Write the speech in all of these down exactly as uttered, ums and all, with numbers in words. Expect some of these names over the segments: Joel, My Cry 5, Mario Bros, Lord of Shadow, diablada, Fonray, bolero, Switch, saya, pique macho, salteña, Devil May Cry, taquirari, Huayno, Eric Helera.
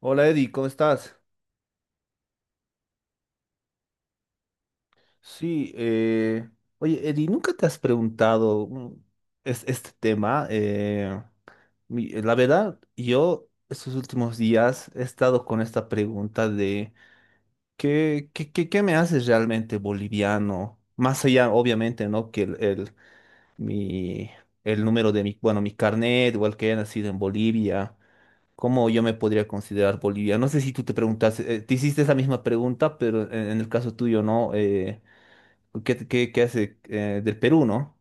Hola Eddie, ¿cómo estás? Sí, eh, oye Eddie, ¿nunca te has preguntado mm, es- este tema? Eh, mi- la verdad, yo estos últimos días he estado con esta pregunta de ¿qué, qué, qué, qué me haces realmente boliviano? Más allá, obviamente, ¿no? Que el, el- mi, el número de mi, bueno, mi carnet, igual que haya nacido en Bolivia. ¿Cómo yo me podría considerar boliviano? No sé si tú te preguntas, eh, te hiciste esa misma pregunta, pero en, en el caso tuyo, ¿no? Eh, ¿qué, qué- qué hace eh, del Perú, ¿no?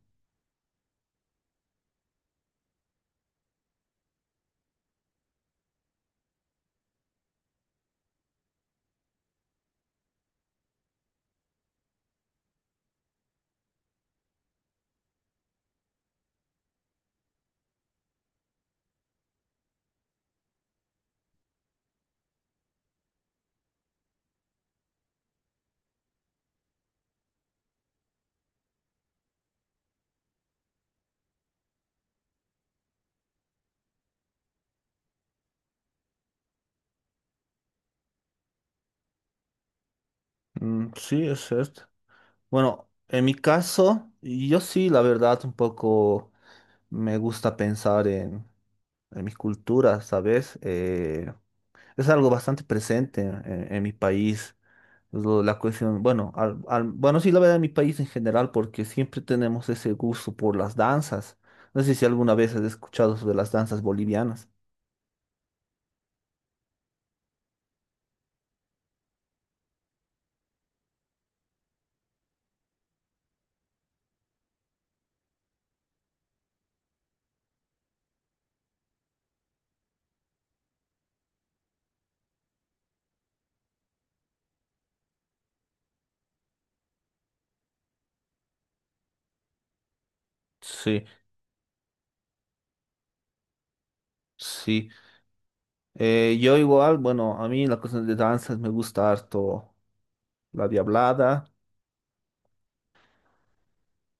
Mm, sí, es cierto. Bueno, en mi caso, yo sí, la verdad, un poco me gusta pensar en, en mi cultura, ¿sabes? Eh, es algo bastante presente en en mi país. lo- La cuestión, bueno, al- al- bueno, sí la verdad en mi país en general, porque siempre tenemos ese gusto por las danzas. No sé si alguna vez has escuchado sobre las danzas bolivianas. Sí, sí. Eh, yo igual, bueno, a mí la cuestión de danzas me gusta harto la diablada.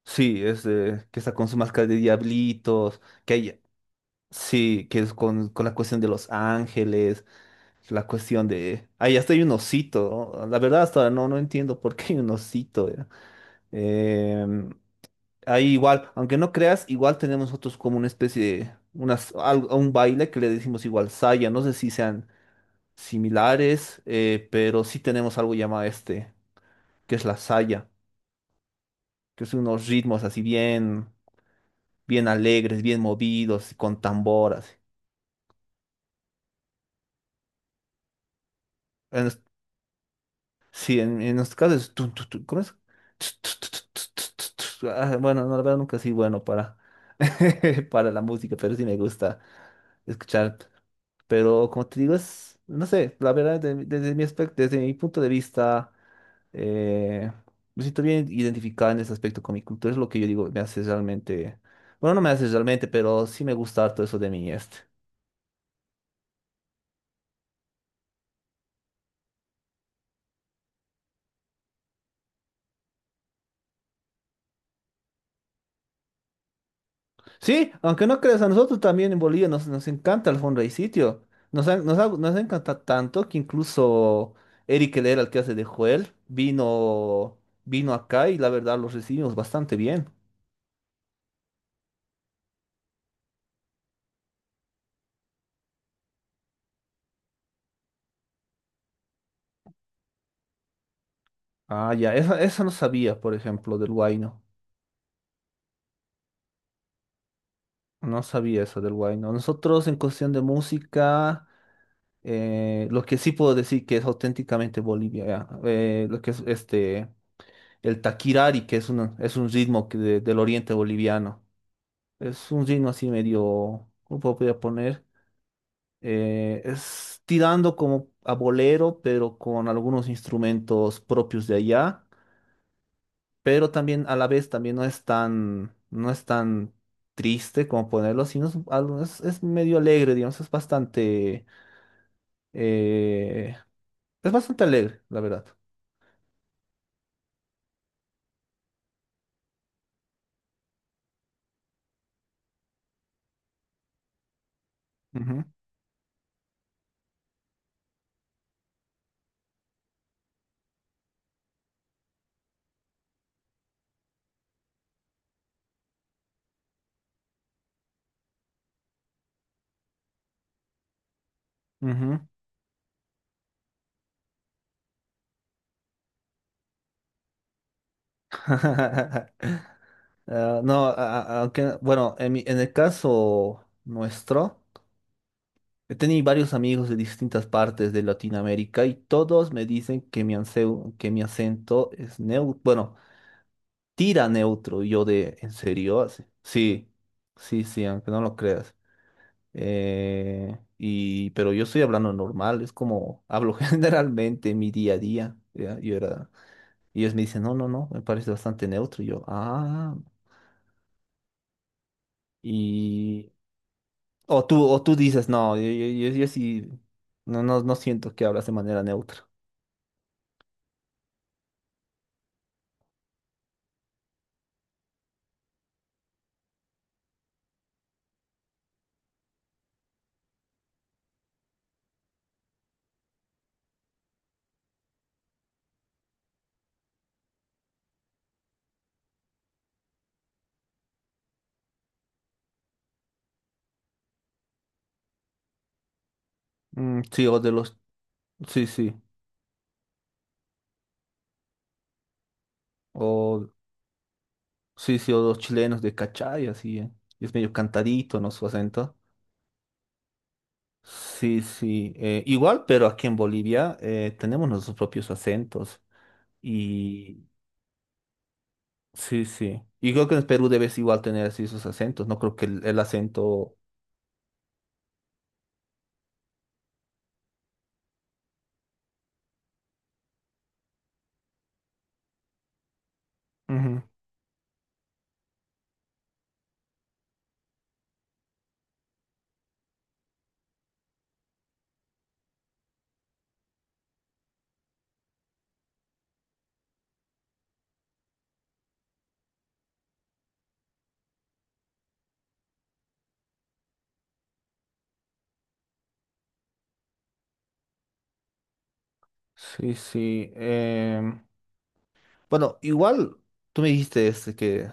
Sí, es de- que está con su máscara de diablitos, que hay, sí, que es con, con la cuestión de los ángeles, la cuestión de... Ahí hasta hay un osito, ¿no? La verdad hasta ahora no, no entiendo por qué hay un osito. eh. Em, ahí igual, aunque no creas, igual tenemos nosotros como una especie de unas, algo- un baile que le decimos igual saya. No sé si sean similares, eh, pero sí tenemos algo llamado este, que es la saya, que son unos ritmos así bien, bien alegres, bien movidos, con tamboras. En, nues- sí, en, en nuestro caso es tun, tun, tun, ¿cómo es? Ts, ts, ts, ts, ts, ts, ts, ts. Ah, bueno, no, la verdad nunca sí bueno para, para la música, pero sí me gusta escuchar. Pero como te digo, es, no sé, la verdad, de- desde mi aspecto, desde mi punto de vista, eh, me siento bien identificado en ese aspecto con mi cultura. Es lo que yo digo, me hace realmente, bueno, no me hace realmente, pero sí me gusta todo eso de mi este. Sí, aunque no creas, a nosotros también en Bolivia nos, nos encanta el Fonray sitio. Nos, ha- nos, ha- nos encanta tanto que incluso Eric Helera, el que hace de Joel, vino, vino acá y la verdad los recibimos bastante bien. Ah, ya, eso, eso no sabía, por ejemplo, del Huayno. No sabía eso del Huayno. Nosotros en cuestión de música, eh, lo que sí puedo decir que es auténticamente Bolivia, ya, eh, lo que es este, el taquirari, que es un, es un ritmo que de- del oriente boliviano. Es un ritmo así medio, ¿cómo podría poner? Eh, es tirando como a bolero, pero con algunos instrumentos propios de allá. Pero también a la vez también no es tan, no es tan triste como ponerlo, sino es, algo- es, es medio alegre, digamos, es bastante, eh, es bastante alegre, la verdad. Ujú, ujú. Ah, no, a- a- aunque, bueno, en mi- en el caso nuestro, he tenido varios amigos de distintas partes de Latinoamérica y todos me dicen que mi, anseu- que mi acento es neutro, tira neutro. Y yo de, ¿en serio? Así, sí, sí, sí, aunque no lo creas. Eh, y, pero yo estoy hablando normal, es como hablo generalmente en mi día a día. ¿Ya? Yo era, y ellos me dicen, no, no, no, me parece bastante neutro. Y yo, ah, y... O tú, o tú dices, no, yo, yo, yo, yo sí, no, no, no siento que hablas de manera neutra. Mm, sí, o de los, sí, sí, o sí, sí, o los chilenos de Cachai, así, eh, es medio cantadito, ¿no? Su acento. Sí, sí, eh, igual, pero aquí en Bolivia eh, tenemos nuestros propios acentos y sí, sí. Y creo que en Perú debes igual tener así sus acentos, no creo que el, el acento... Ujú. Sí, sí. em, Bueno, igual tú me dijiste este que,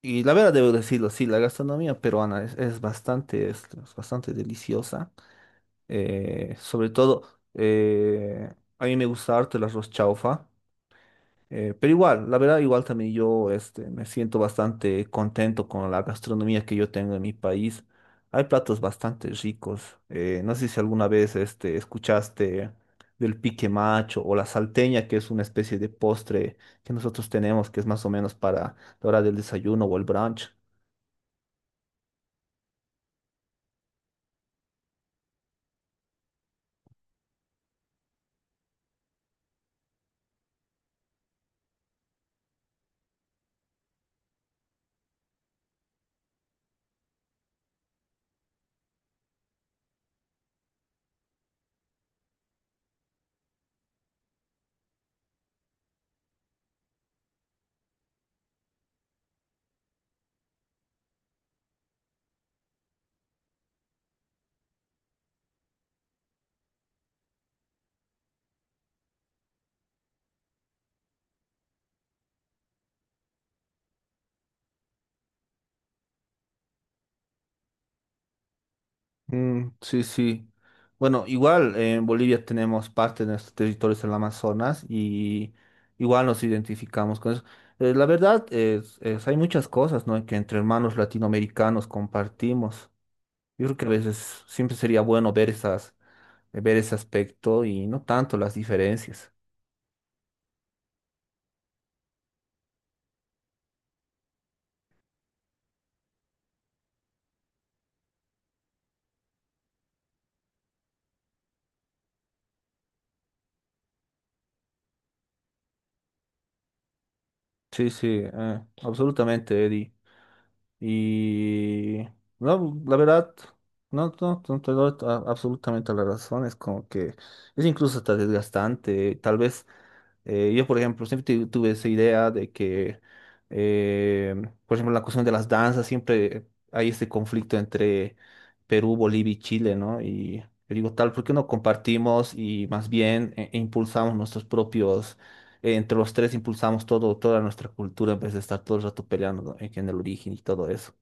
y la verdad debo decirlo, sí, la gastronomía peruana es, es bastante, es, es bastante deliciosa. eh, sobre todo, eh, a mí me gusta harto el arroz chaufa. Eh, pero igual, la verdad, igual también yo este, me siento bastante contento con la gastronomía que yo tengo en mi país. Hay platos bastante ricos. Eh, no sé si alguna vez este, escuchaste del pique macho o la salteña, que es una especie de postre que nosotros tenemos, que es más o menos para la hora del desayuno o el brunch. Mm, sí, sí. Bueno, igual en Bolivia tenemos parte de nuestros territorios en el Amazonas y igual nos identificamos con eso. Eh, la verdad es, es- hay muchas cosas, ¿no? que entre hermanos latinoamericanos compartimos. Yo creo que a veces siempre sería bueno ver esas, ver ese aspecto y no tanto las diferencias. Sí, sí, eh, absolutamente, Eddie. Y no, la verdad, no, no, no te doy a- absolutamente la razón. Es como que es incluso hasta desgastante. Tal vez eh, yo, por ejemplo, siempre tu- tuve esa idea de que, eh, por ejemplo, en la cuestión de las danzas, siempre hay este conflicto entre Perú, Bolivia y Chile, ¿no? Y yo digo, tal, ¿por qué no compartimos y más bien eh, impulsamos nuestros propios eh, entre los tres impulsamos todo, toda nuestra cultura en vez de estar todo el rato peleando ¿no? en en el origen y todo eso.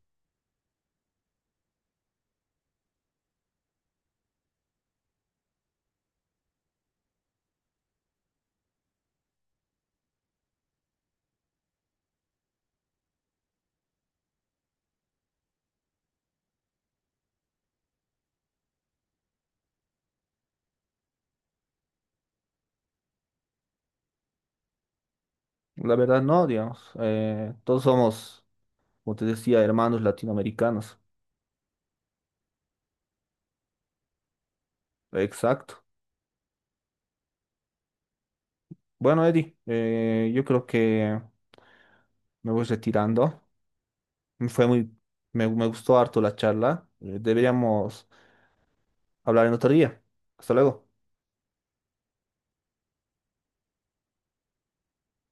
La verdad, no, digamos. eh, todos somos, como te decía, hermanos latinoamericanos. Exacto. Bueno, Eddie, eh, yo creo que me voy retirando. Fue muy, me, me gustó harto la charla. Eh, Deberíamos hablar en otro día. Hasta luego.